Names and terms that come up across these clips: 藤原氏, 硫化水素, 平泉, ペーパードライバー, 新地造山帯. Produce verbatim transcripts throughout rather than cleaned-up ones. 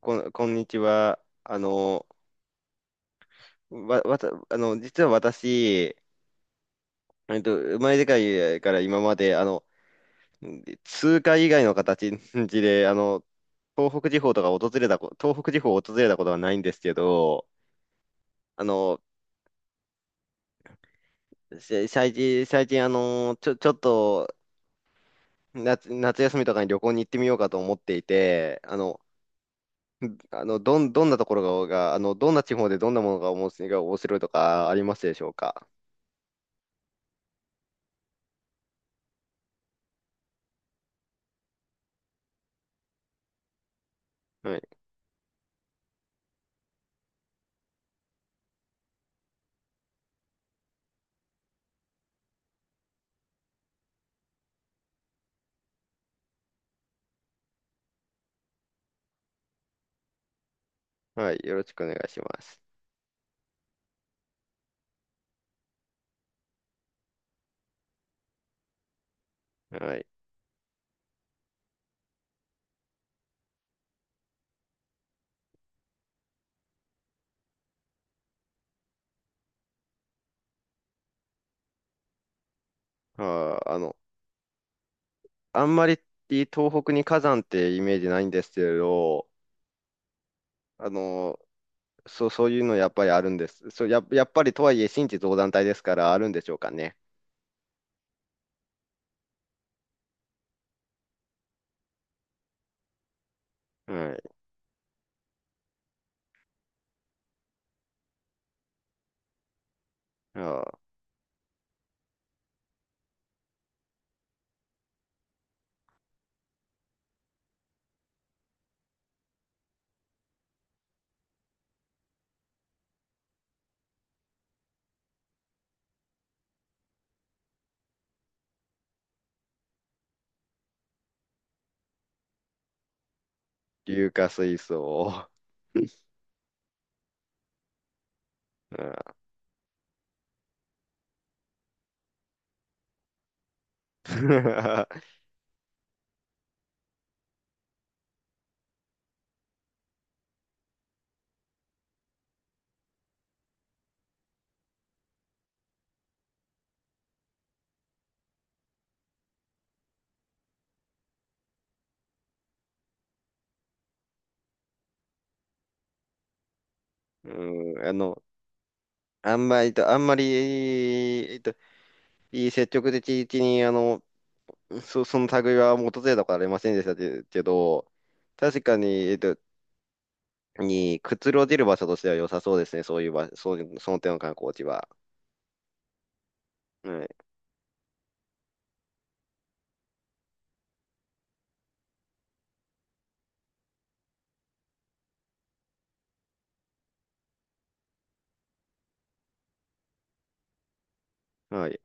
こん、こんにちは。あの、わ、わた、あの、実は私、えっと、生まれてからから今まで、あの、通貨以外の形で、あの、東北地方とか訪れたこ、東北地方を訪れたことはないんですけど、あの、せ最近、最近、あの、ちょ、ちょっと、夏、夏休みとかに旅行に行ってみようかと思っていて、あの、あの、どん、どんなところが、があの、どんな地方でどんなものが面白いが面白いとかありますでしょうか？はい。はい。よろしくお願いします。はい。まあー、あの、あんまり東北に火山ってイメージないんですけれど、あの、そう、そういうのやっぱりあるんです。そう、や、やっぱりとはいえ新地造山帯ですからあるんでしょうかね。はい。まあー、硫化水素。まあー うん、あの、あんまりと、あんまり、えっと、いい積極的に、あの、そ、その類は訪れたことありませんでしたけど、確かに、えっと、にくつろげる場所としては良さそうですね。そういう場、そういう、その点の観光地は。はい。はい。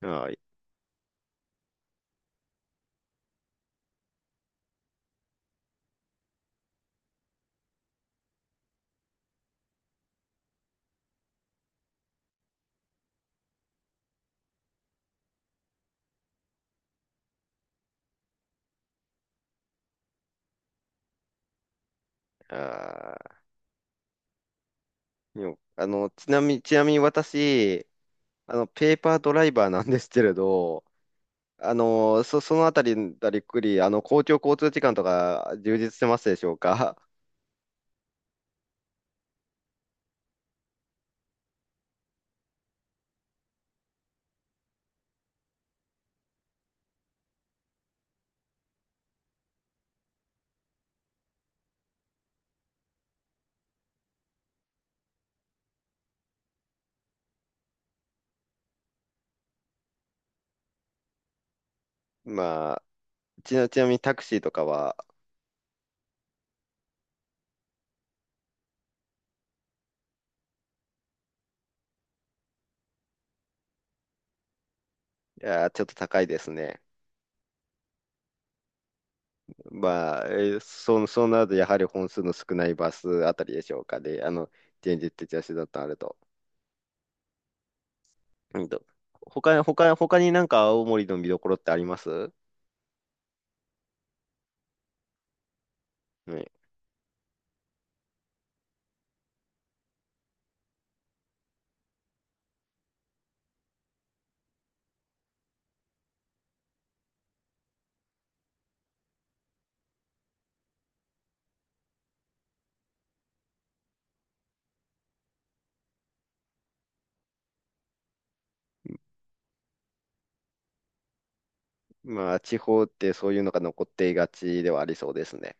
はい。あー、でもあの、ちなみに、ちなみに私、あの、ペーパードライバーなんですけれど、あの、そ、そのあたりだりっくり、あの、公共交通機関とか充実してますでしょうか？ まあ、ちな、ちなみにタクシーとかは、いやー、ちょっと高いですね。まあ、えーそう、そうなると、やはり本数の少ないバスあたりでしょうかで、あの、現実的な手段とあると。うんと、他、他、他になんか青森の見どころってありますはい。まあ、地方ってそういうのが残っていがちではありそうですね。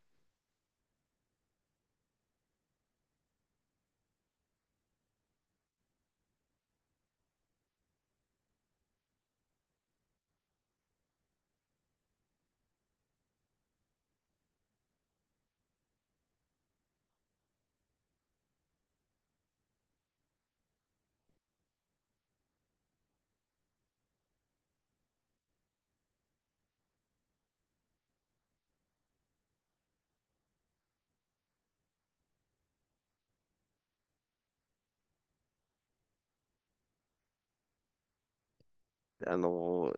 あの、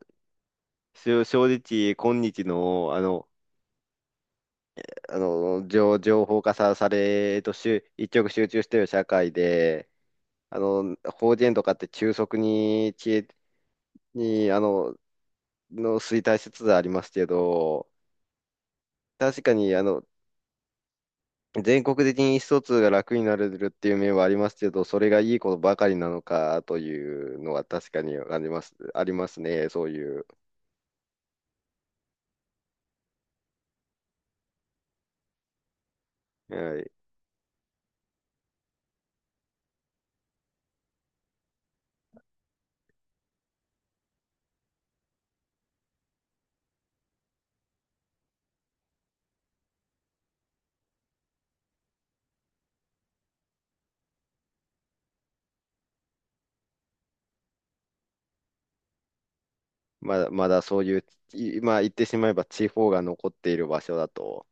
し正直、今日の、あの、あの、情、情報化さ、され、えっと、集一極集中している社会で、あの、法人とかって急速に、知恵に、あの、の衰退しつつありますけど、確かに、あの、全国的に意思疎通が楽になれるっていう面はありますけど、それがいいことばかりなのかというのは確かにあります、ありますね、そういう。はい、まだ、まだそういう、い、まあ言ってしまえば地方が残っている場所だと。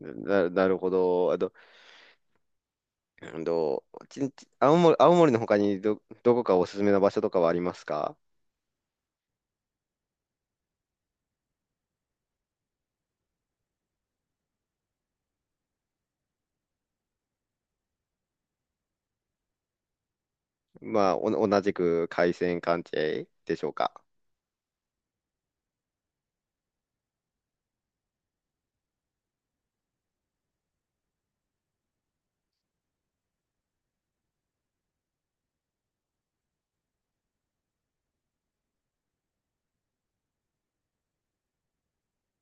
な、なるほど。あと、うんと、ちち青森、青森の他にど、どこかおすすめな場所とかはありますか？まあ、お同じく海鮮関係でしょうか。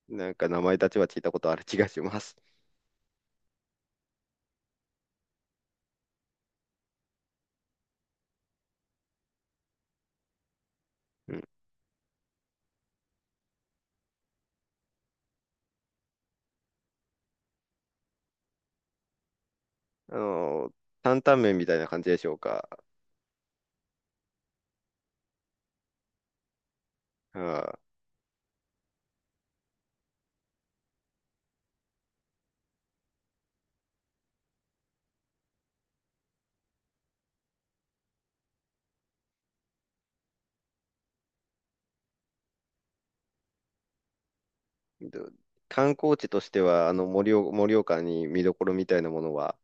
なんか名前たちは聞いたことある気がします。あの、担々麺みたいな感じでしょうか。はい。で、観光地としては、あの、盛岡、盛岡に見どころみたいなものは？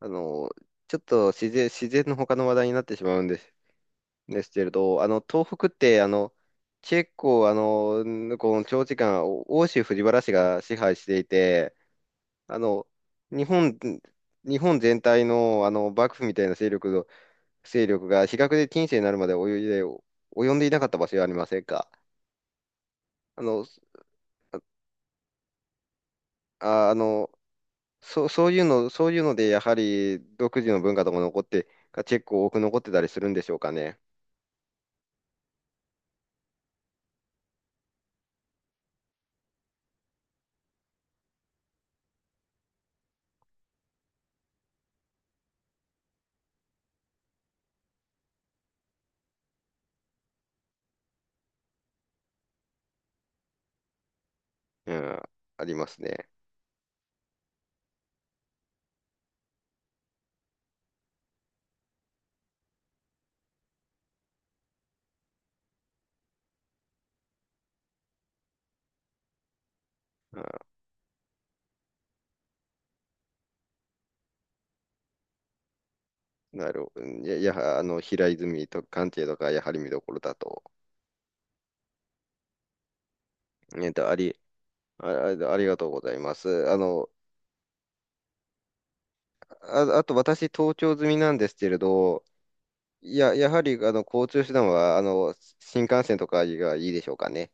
あの、ちょっと自然、自然の他の話題になってしまうんです、ですけれど、あの、東北って、あの、結構、あの、この長時間、お欧州藤原氏が支配していて、あの、日本、日本全体の、あの、幕府みたいな勢力の、勢力が、比較で近世になるまで及いで、及んでいなかった場所はありませんか？あの、あ、あの、そう、そういうの、そういうので、やはり独自の文化とか残って、が結構多く残ってたりするんでしょうかね。うん、ありますね。うん、なるほど。いや、いや、あの、平泉と関係とか、やはり見どころだと。えっと、あり、あ、あありがとうございます。あの、あ、あと私、東京済みなんですけれど、いや、やはり、あの、交通手段は、あの、新幹線とかがいいでしょうかね。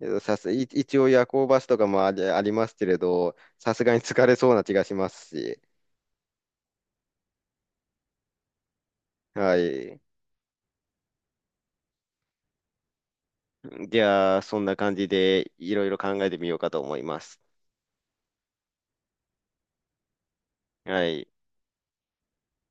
えっとさす、い一応夜行バスとかもあり、ありますけれど、さすがに疲れそうな気がしますし、はい。じゃあ、そんな感じでいろいろ考えてみようかと思います。はい。